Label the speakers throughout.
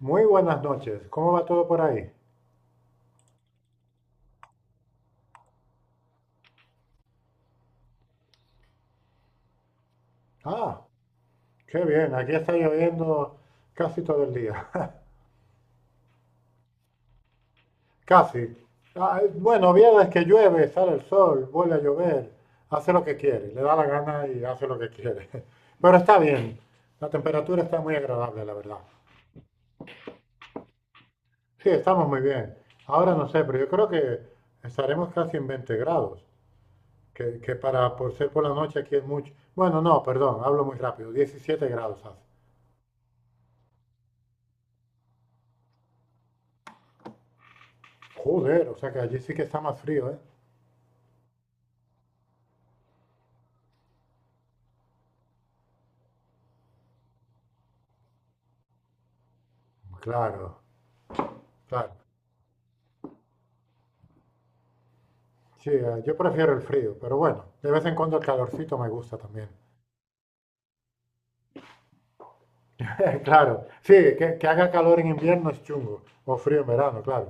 Speaker 1: Muy buenas noches. ¿Cómo va todo por ahí? Ah, qué bien. Aquí está lloviendo casi todo el día. Casi. Bueno, viernes que llueve, sale el sol, vuelve a llover, hace lo que quiere, le da la gana y hace lo que quiere. Pero está bien. La temperatura está muy agradable, la verdad. Sí, estamos muy bien. Ahora no sé, pero yo creo que estaremos casi en 20 grados, que para por ser por la noche aquí es mucho. Bueno, no, perdón, hablo muy rápido. 17 grados hace. Joder, o sea que allí sí que está más frío, ¿eh? Claro, claro. Sí, yo prefiero el frío, pero bueno, de vez en cuando el calorcito me gusta también. Claro, sí, que haga calor en invierno es chungo, o frío en verano, claro.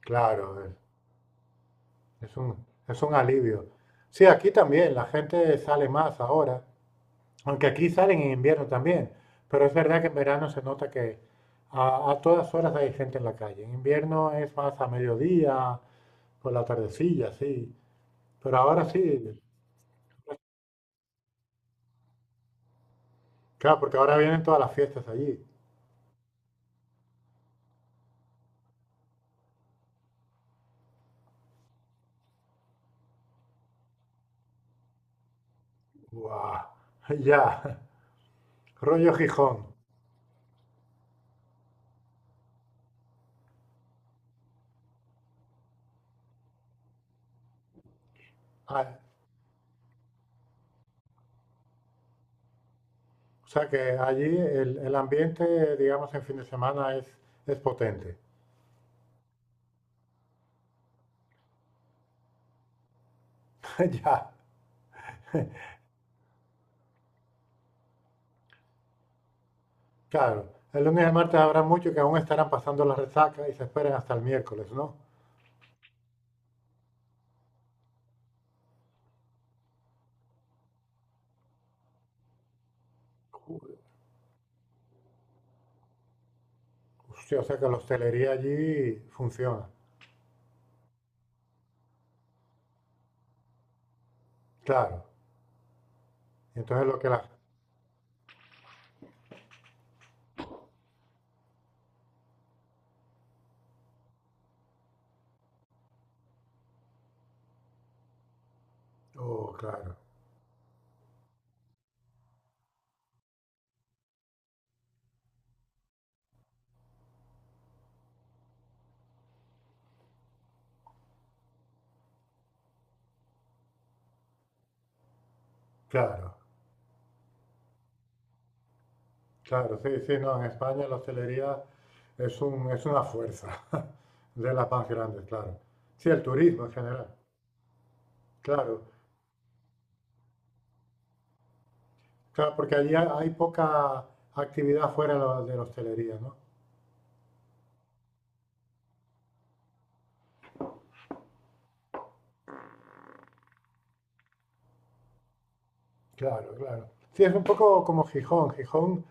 Speaker 1: Claro, es un alivio. Sí, aquí también la gente sale más ahora, aunque aquí salen en invierno también, pero es verdad que en verano se nota que a todas horas hay gente en la calle. En invierno es más a mediodía, por la tardecilla, sí, pero ahora sí. Claro, porque ahora vienen todas las fiestas allí. ¡Guau! Ya, rollo Gijón. Ah, o sea que allí el ambiente, digamos, en fin de semana es potente. Ya, claro. El lunes y el martes habrá mucho, que aún estarán pasando la resaca y se esperan hasta el miércoles, ¿no? Ju- Hostia, o sea que la hostelería allí funciona. Claro. Y entonces lo que la... Oh, claro, claro. Claro, sí, sí, no, en España la hostelería es una fuerza de las más grandes, claro. Sí, el turismo en general, claro, claro, porque allí hay poca actividad fuera de de la hostelería, ¿no? Claro, claro. Sí, es un poco como Gijón. Gijón,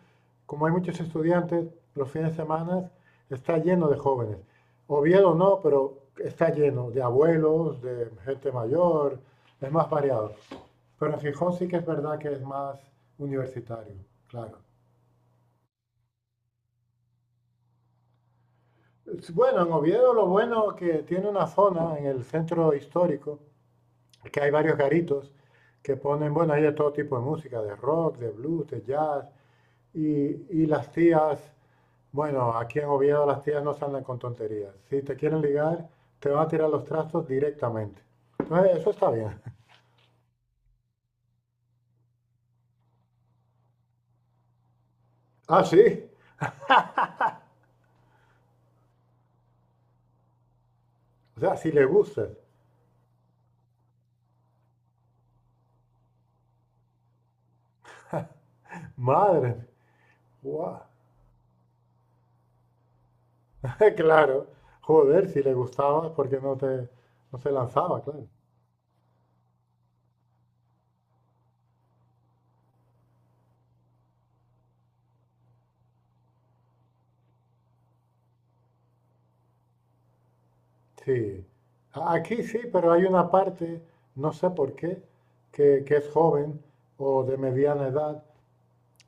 Speaker 1: como hay muchos estudiantes, los fines de semana está lleno de jóvenes. Oviedo no, pero está lleno de abuelos, de gente mayor, es más variado. Pero en Gijón sí que es verdad que es más universitario, claro. Bueno, en Oviedo lo bueno que tiene una zona en el centro histórico, que hay varios garitos que ponen, bueno, hay de todo tipo de música, de rock, de blues, de jazz, y las tías. Bueno, aquí en Oviedo las tías no se andan con tonterías. Si te quieren ligar, te van a tirar los trastos directamente. Entonces, eso está bien. Ah, sí. O sea, si le gustas. Madre. Guau. Claro. Joder, si le gustabas porque no te, no se lanzaba, claro. Sí. Aquí sí, pero hay una parte, no sé por qué, que es joven o de mediana edad.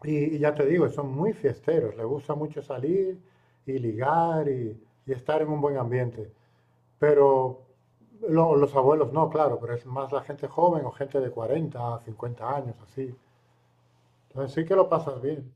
Speaker 1: Y ya te digo, son muy fiesteros, les gusta mucho salir y ligar y estar en un buen ambiente. Pero los abuelos no, claro, pero es más la gente joven o gente de 40 50 años, así. Entonces sí que lo pasas bien.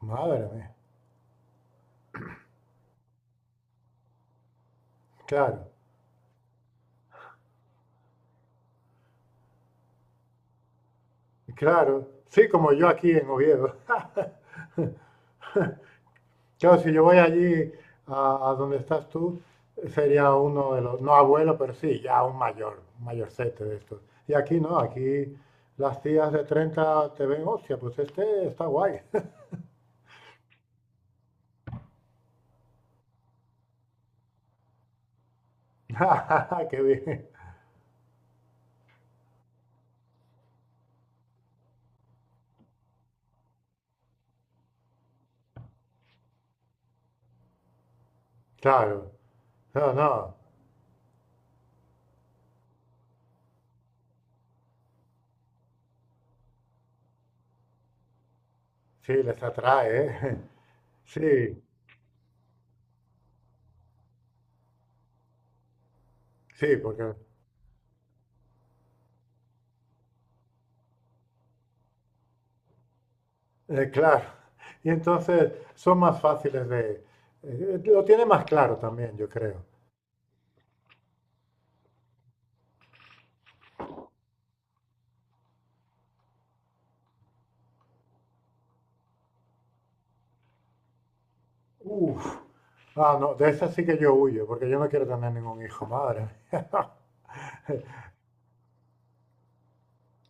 Speaker 1: Madre mía, claro, claro. Sí, como yo aquí en Oviedo. Claro, si yo voy allí a donde estás tú, sería uno de los, no abuelo, pero sí, ya un mayor, un mayorcete de estos. Y aquí no, aquí las tías de 30 te ven, hostia, pues este está guay. Qué bien. Claro, no, no, sí, les atrae, ¿eh? Sí, sí, porque, claro. Y entonces son más fáciles de, lo tiene más claro también, yo creo. Uf. Ah, no, de esa sí que yo huyo, porque yo no quiero tener ningún hijo, madre.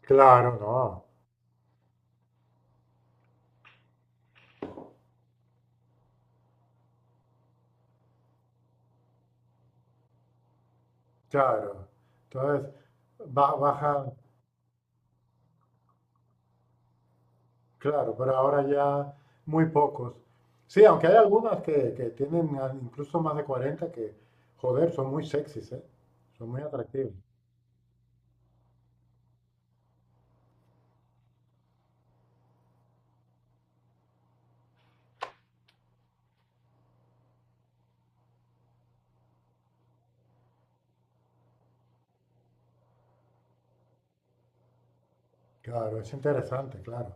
Speaker 1: Claro, no, claro. Entonces, bajan, claro, pero ahora ya muy pocos. Sí, aunque hay algunas que tienen incluso más de 40, que, joder, son muy sexys, ¿eh? Son muy atractivos. Claro, es interesante, claro.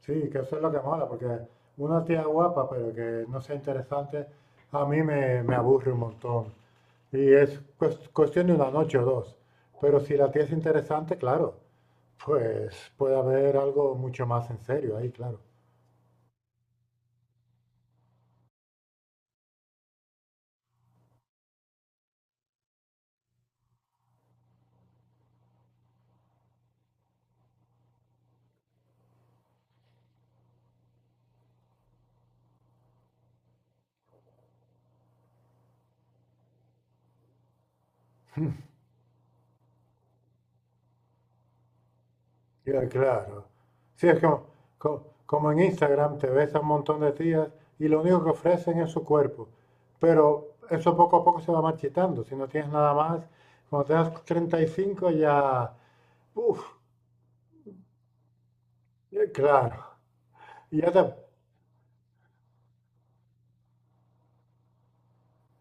Speaker 1: Sí, que eso es lo que mola, porque una tía guapa, pero que no sea interesante, a mí me, me aburre un montón. Y es cuestión de una noche o dos. Pero si la tía es interesante, claro, pues puede haber algo mucho más en serio ahí, claro. Y claro. Sí, es como, como en Instagram te ves a un montón de tías y lo único que ofrecen es su cuerpo. Pero eso poco a poco se va marchitando. Si no tienes nada más, cuando te das 35 ya, uff. Claro, y ya te-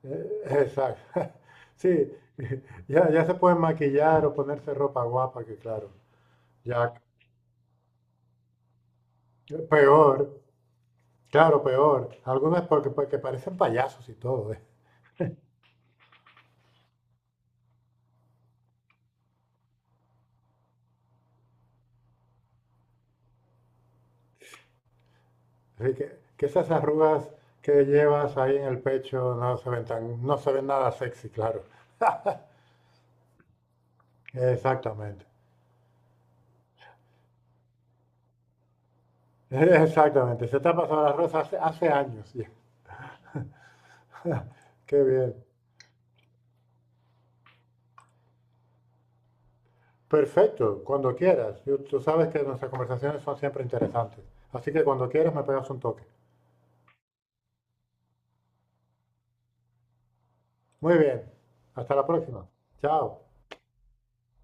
Speaker 1: eh, exacto. Sí, ya, ya se pueden maquillar o ponerse ropa guapa, que claro, ya peor, claro, peor. Algunas porque, porque parecen payasos y todo, ¿eh? Así que esas arrugas que llevas ahí en el pecho no se ven tan, no se ven nada sexy, claro. Exactamente, exactamente. Se te ha pasado las rosas hace, hace años, ya. Qué bien. Perfecto, cuando quieras. Yo- tú sabes que nuestras conversaciones son siempre interesantes. Así que cuando quieras me pegas un toque. Muy bien, hasta la próxima. Chao.